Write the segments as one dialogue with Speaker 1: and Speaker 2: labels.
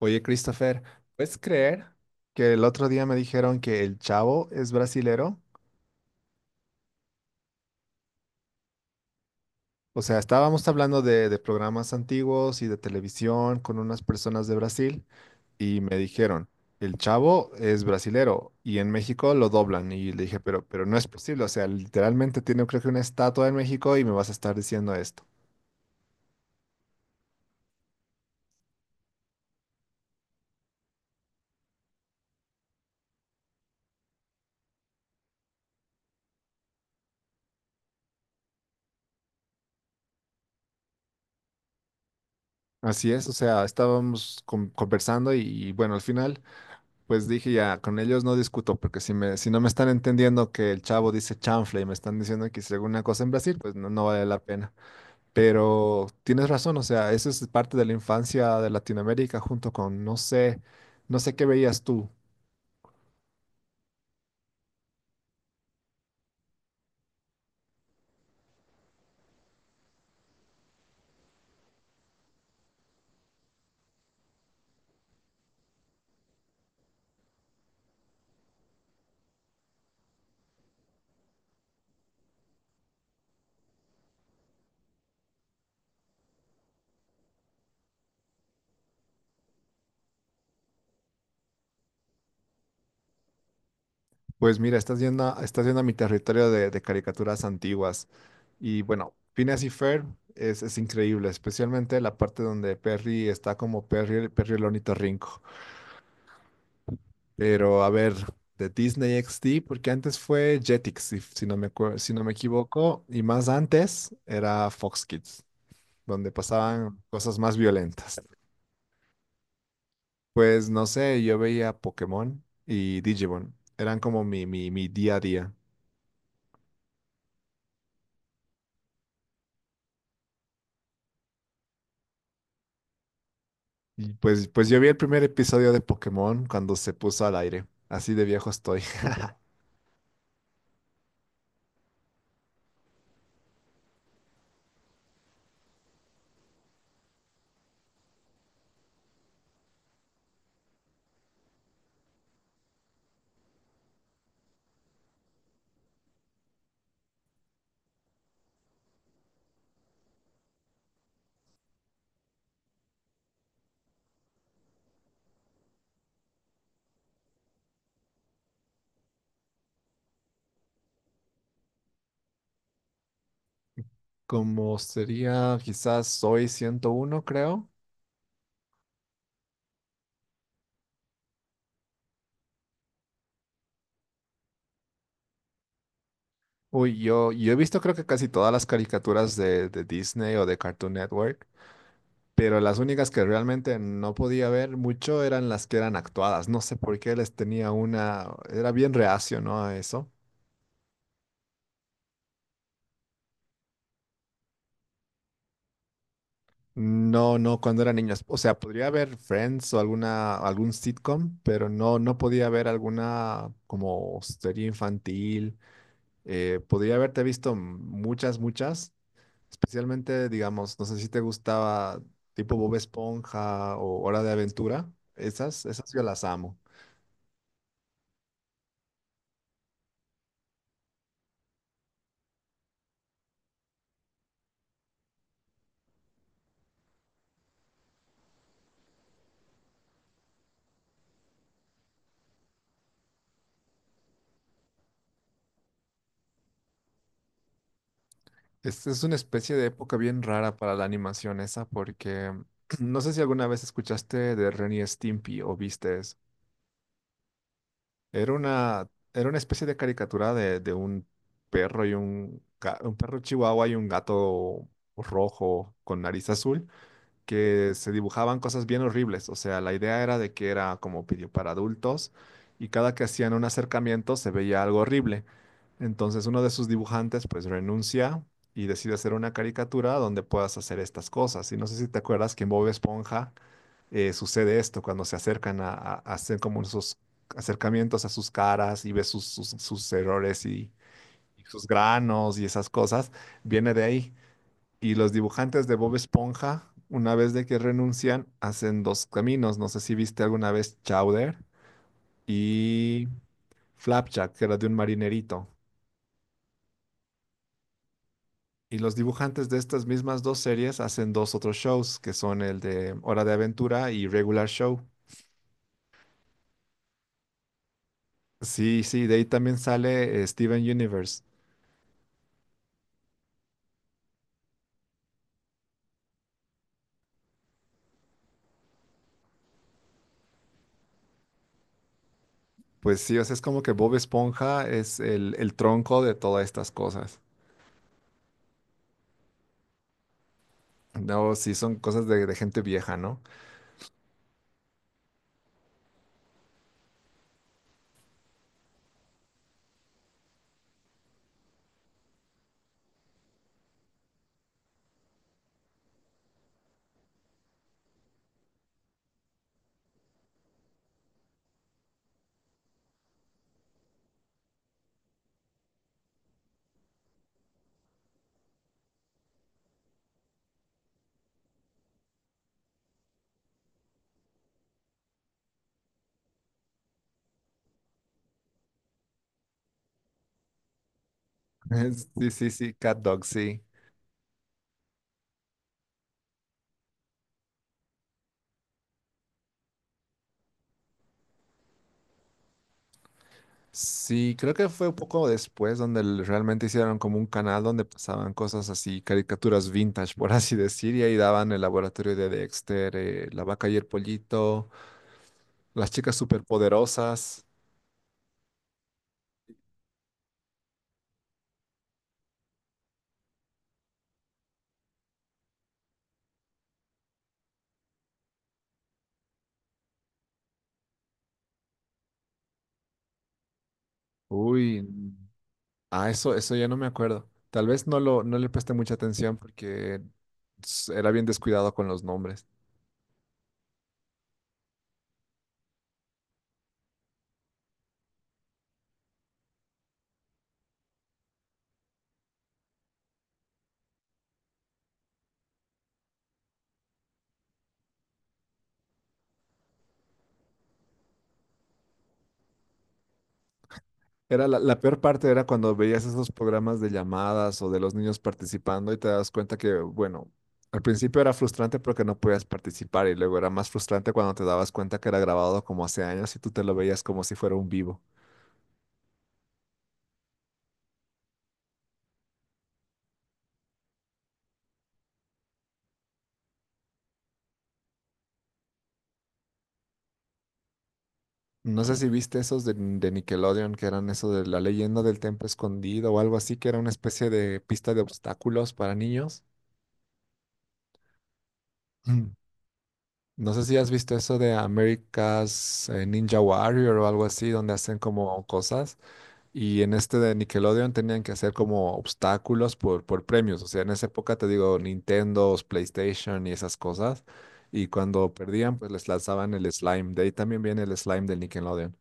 Speaker 1: Oye, Christopher, ¿puedes creer que el otro día me dijeron que el Chavo es brasilero? O sea, estábamos hablando de programas antiguos y de televisión con unas personas de Brasil y me dijeron, el Chavo es brasilero y en México lo doblan. Y le dije, pero no es posible, o sea, literalmente tiene creo que una estatua en México y me vas a estar diciendo esto. Así es, o sea, estábamos conversando y bueno, al final pues dije ya, con ellos no discuto, porque si me, si no me están entendiendo que el chavo dice chanfle y me están diciendo que hice alguna cosa en Brasil, pues no, no vale la pena. Pero tienes razón, o sea, eso es parte de la infancia de Latinoamérica junto con, no sé, no sé qué veías tú. Pues mira, estás yendo a mi territorio de caricaturas antiguas. Y bueno, Phineas y Ferb es increíble, especialmente la parte donde Perry está como Perry el ornitorrinco. Pero a ver, de Disney XD, porque antes fue Jetix, si si no me equivoco, y más antes era Fox Kids, donde pasaban cosas más violentas. Pues no sé, yo veía Pokémon y Digimon, eran como mi día a día. Y pues yo vi el primer episodio de Pokémon cuando se puso al aire, así de viejo estoy. Como sería quizás Soy 101 creo. Uy, yo he visto creo que casi todas las caricaturas de Disney o de Cartoon Network, pero las únicas que realmente no podía ver mucho eran las que eran actuadas. No sé por qué les tenía una, era bien reacio, ¿no? A eso. No, no, cuando era niño. O sea, podría ver Friends o alguna, algún sitcom, pero no podía ver alguna como serie infantil. Podría haberte visto muchas, muchas. Especialmente, digamos, no sé si te gustaba tipo Bob Esponja o Hora de Aventura. Esas, esas yo las amo. Es una especie de época bien rara para la animación esa porque no sé si alguna vez escuchaste de Ren y Stimpy o viste eso. Era una especie de caricatura de un perro y un, un perro chihuahua y un gato rojo con nariz azul, que se dibujaban cosas bien horribles. O sea, la idea era de que era como video para adultos y cada que hacían un acercamiento se veía algo horrible. Entonces uno de sus dibujantes pues renuncia y decide hacer una caricatura donde puedas hacer estas cosas. Y no sé si te acuerdas que en Bob Esponja sucede esto cuando se acercan a hacer como esos acercamientos a sus caras y ves sus errores y sus granos y esas cosas. Viene de ahí. Y los dibujantes de Bob Esponja, una vez de que renuncian, hacen dos caminos. No sé si viste alguna vez Chowder y Flapjack, que era de un marinerito. Y los dibujantes de estas mismas dos series hacen dos otros shows, que son el de Hora de Aventura y Regular Show. Sí, sí, de ahí también sale Steven Universe. Pues sí, o sea, es como que Bob Esponja es el tronco de todas estas cosas. No, sí, son cosas de gente vieja, ¿no? Sí, sí, sí, Cat Dog, sí. Sí, creo que fue un poco después donde realmente hicieron como un canal donde pasaban cosas así, caricaturas vintage, por así decir, y ahí daban el laboratorio de Dexter, la vaca y el pollito, las chicas superpoderosas. Uy, ah, eso ya no me acuerdo. Tal vez no le presté mucha atención porque era bien descuidado con los nombres. Era la peor parte era cuando veías esos programas de llamadas o de los niños participando y te das cuenta que, bueno, al principio era frustrante porque no podías participar y luego era más frustrante cuando te dabas cuenta que era grabado como hace años y tú te lo veías como si fuera un vivo. No sé si viste esos de Nickelodeon que eran eso de la leyenda del templo escondido o algo así, que era una especie de pista de obstáculos para niños. No sé si has visto eso de America's Ninja Warrior o algo así, donde hacen como cosas. Y en este de Nickelodeon tenían que hacer como obstáculos por premios. O sea, en esa época te digo Nintendo, PlayStation y esas cosas. Y cuando perdían, pues les lanzaban el slime. De ahí también viene el slime del Nickelodeon.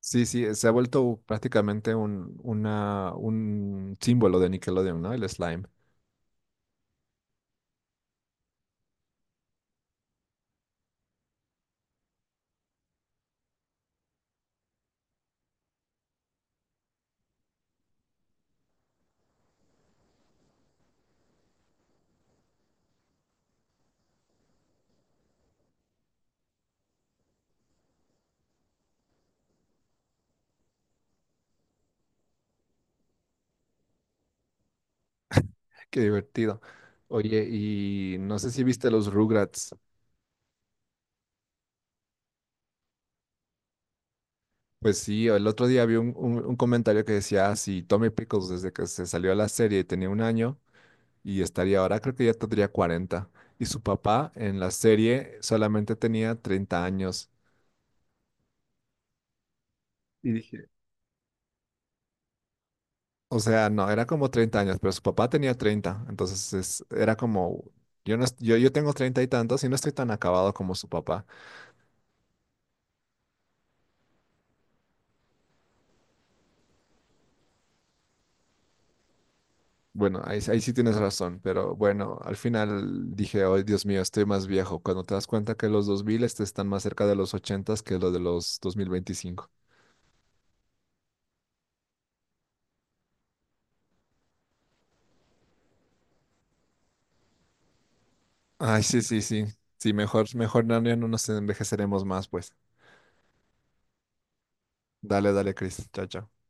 Speaker 1: Sí, sí, se ha vuelto prácticamente un símbolo de Nickelodeon, ¿no? El slime. Qué divertido. Oye, y no sé si viste los Rugrats. Pues sí, el otro día vi un comentario que decía, si Tommy Pickles desde que se salió a la serie tenía 1 año y estaría ahora, creo que ya tendría 40. Y su papá en la serie solamente tenía 30 años. Y dije, o sea, no, era como 30 años, pero su papá tenía 30. Entonces era como, yo, no, yo tengo 30 y tantos y no estoy tan acabado como su papá. Bueno, ahí sí tienes razón, pero bueno, al final dije, oh, Dios mío, estoy más viejo. Cuando te das cuenta que los 2000 este, están más cerca de los 80 que lo de los 2025. Ay, sí, sí, sí. Sí, mejor no, ya no nos envejeceremos más, pues. Dale, dale, Chris. Chao, chao.